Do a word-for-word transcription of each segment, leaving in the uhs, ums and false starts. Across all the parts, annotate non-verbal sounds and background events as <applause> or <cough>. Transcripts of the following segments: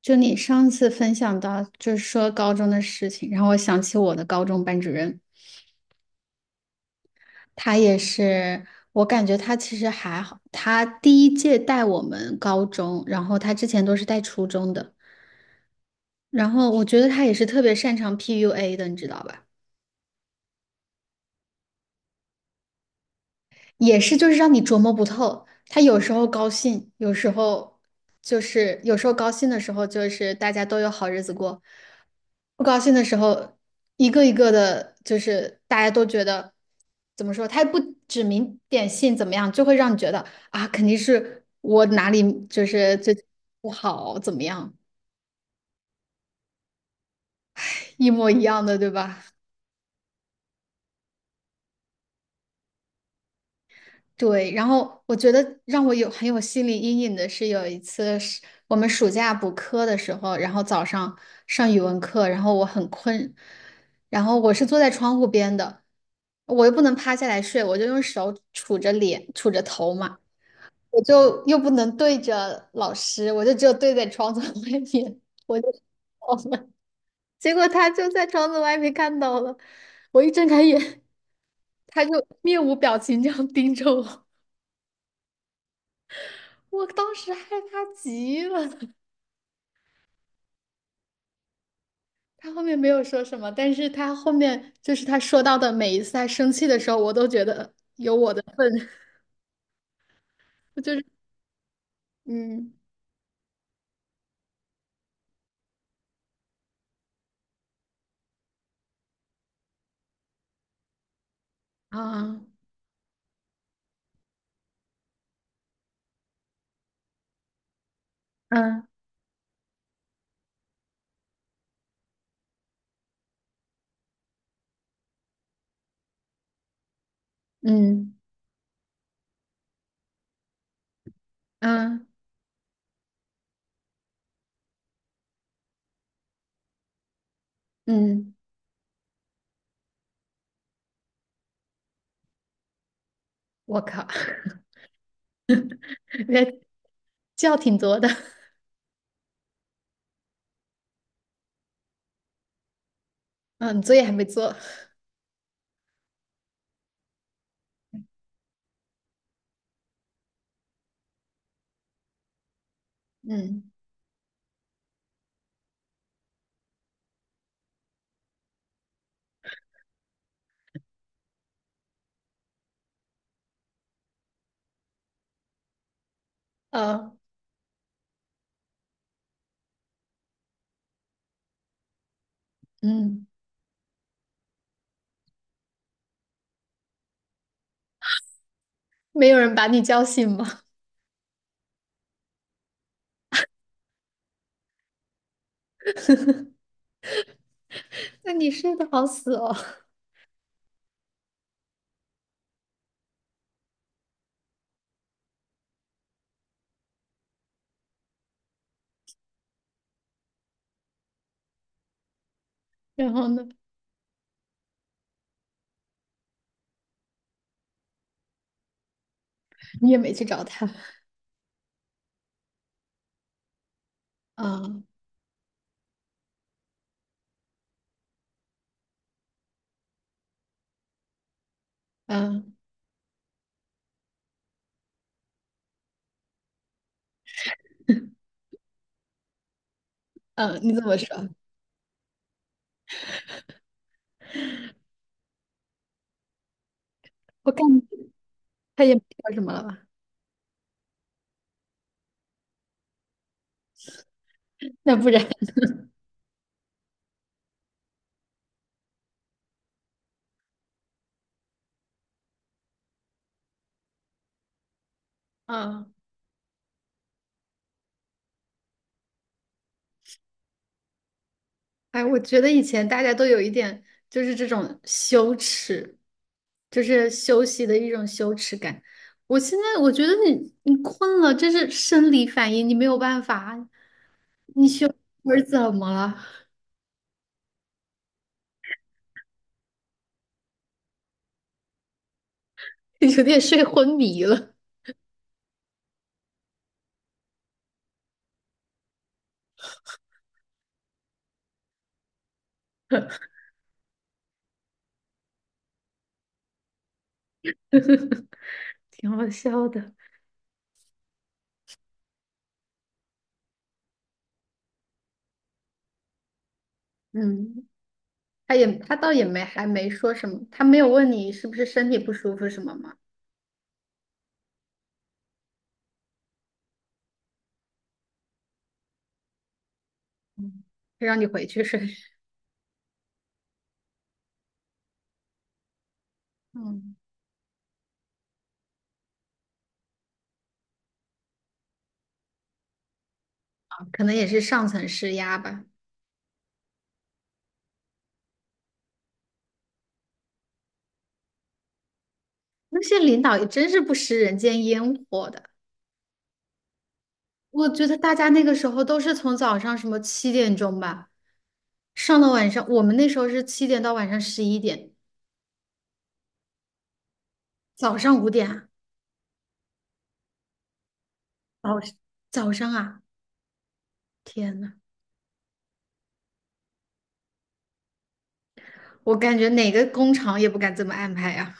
就你上次分享到，就是说高中的事情，然后我想起我的高中班主任，他也是，我感觉他其实还好，他第一届带我们高中，然后他之前都是带初中的，然后我觉得他也是特别擅长 P U A 的，你知道吧？也是就是让你琢磨不透，他有时候高兴，有时候就是有时候高兴的时候就是大家都有好日子过，不高兴的时候，一个一个的，就是大家都觉得怎么说，他也不指名点姓怎么样，就会让你觉得啊，肯定是我哪里就是最不好，怎么样，一模一样的，对吧？对，然后我觉得让我有很有心理阴影的是，有一次是我们暑假补课的时候，然后早上上语文课，然后我很困，然后我是坐在窗户边的，我又不能趴下来睡，我就用手杵着脸、杵着头嘛，我就又不能对着老师，我就只有对在窗子 <laughs> 外面，我就 <laughs> 我们，<laughs> 结果他就在窗子外面看到了，我一睁开眼，他就面无表情这样盯着我。我当时害怕极了。<laughs> 他后面没有说什么，但是他后面就是他说到的每一次他生气的时候，我都觉得有我的份，<laughs> 就是嗯啊嗯嗯嗯嗯，我靠，<laughs> 那觉挺多的，<laughs> 嗯，作业还没做，嗯呃嗯，没有人把你叫醒吗？<laughs> 那你睡得好死哦。<laughs> 然后呢，你也没去找他，<laughs> 啊啊啊，你怎么说？我感觉他也没说什么了吧？那不然 <laughs>，啊，哎，我觉得以前大家都有一点就是这种羞耻，就是休息的一种羞耻感。我现在我觉得你你困了，这是生理反应，你没有办法。我是怎么了？<laughs> 有点睡昏迷了，<laughs> 挺好笑的。嗯，他也他倒也没还没说什么，他没有问你是不是身体不舒服什么吗？嗯让你回去睡。嗯，可能也是上层施压吧。那些领导也真是不食人间烟火的。我觉得大家那个时候都是从早上什么七点钟吧，上到晚上，我们那时候是七点到晚上十一点，早上五点啊，早早上啊，天呐，我感觉哪个工厂也不敢这么安排呀，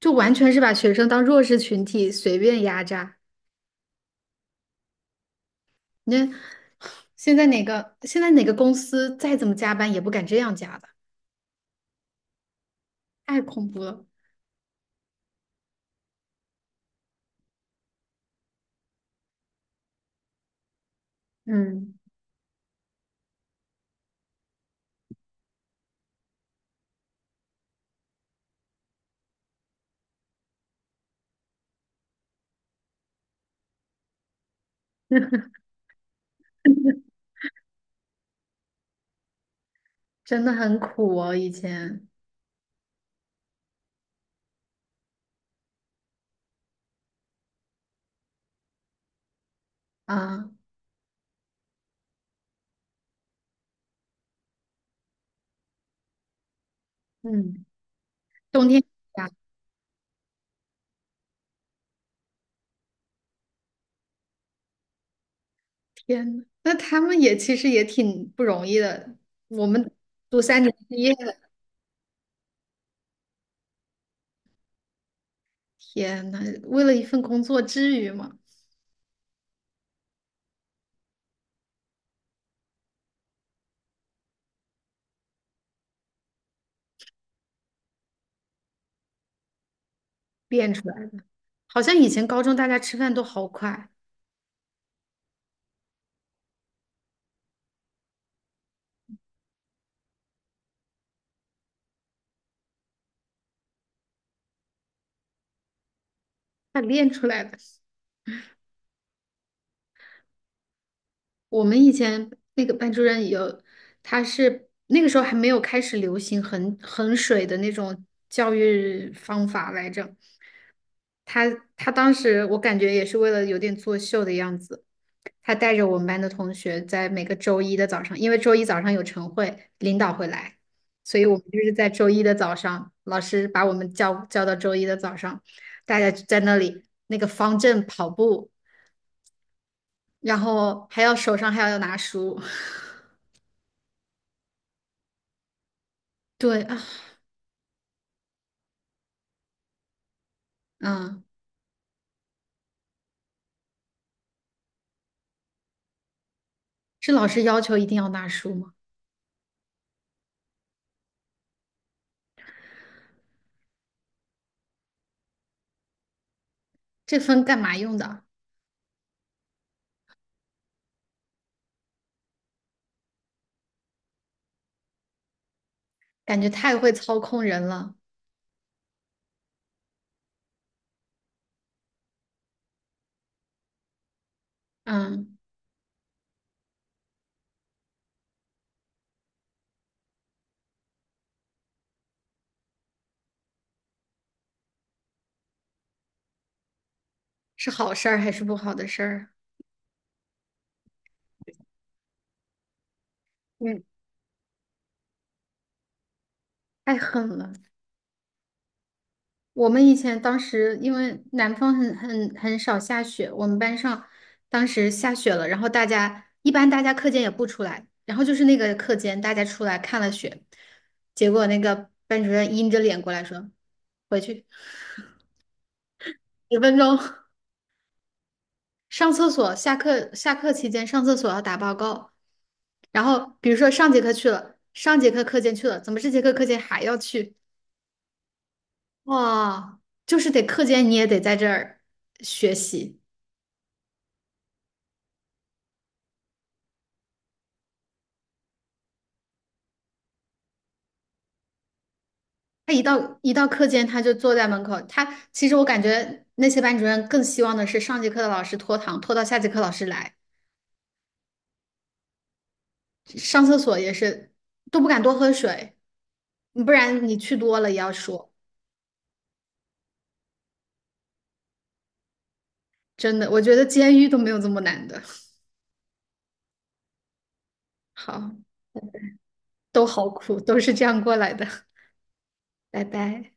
就完全是把学生当弱势群体随便压榨。那现在哪个现在哪个公司再怎么加班也不敢这样加的，太恐怖了。嗯，真的很苦哦，以前啊。嗯，冬天夏天呐那他们也其实也挺不容易的。我们读三年毕业了，天呐，为了一份工作，至于吗？练出来的，好像以前高中大家吃饭都好快，他练出来的。我们以前那个班主任有，他是那个时候还没有开始流行衡衡水的那种教育方法来着。他他当时我感觉也是为了有点作秀的样子。他带着我们班的同学在每个周一的早上，因为周一早上有晨会，领导会来，所以我们就是在周一的早上，老师把我们叫叫到周一的早上，大家在那里那个方阵跑步，然后还要手上还要拿书。<laughs> 对啊，嗯，是老师要求一定要拿书吗？这分干嘛用的？感觉太会操控人了。嗯，是好事儿还是不好的事儿？嗯，太狠了。我们以前当时因为南方很很很少下雪，我们班上当时下雪了，然后大家一般大家课间也不出来，然后就是那个课间大家出来看了雪，结果那个班主任阴着脸过来说，回去十分钟 <laughs> 上厕所，下课下课期间上厕所要打报告，然后比如说上节课去了，上节课课间去了，怎么这节课课间还要去？哇，就是得课间你也得在这儿学习。他一到一到课间，他就坐在门口。他其实我感觉那些班主任更希望的是上节课的老师拖堂，拖到下节课老师来。上厕所也是都不敢多喝水，不然你去多了也要说。真的，我觉得监狱都没有这么难的。<laughs> 好，都好苦，都是这样过来的。<laughs> 拜拜。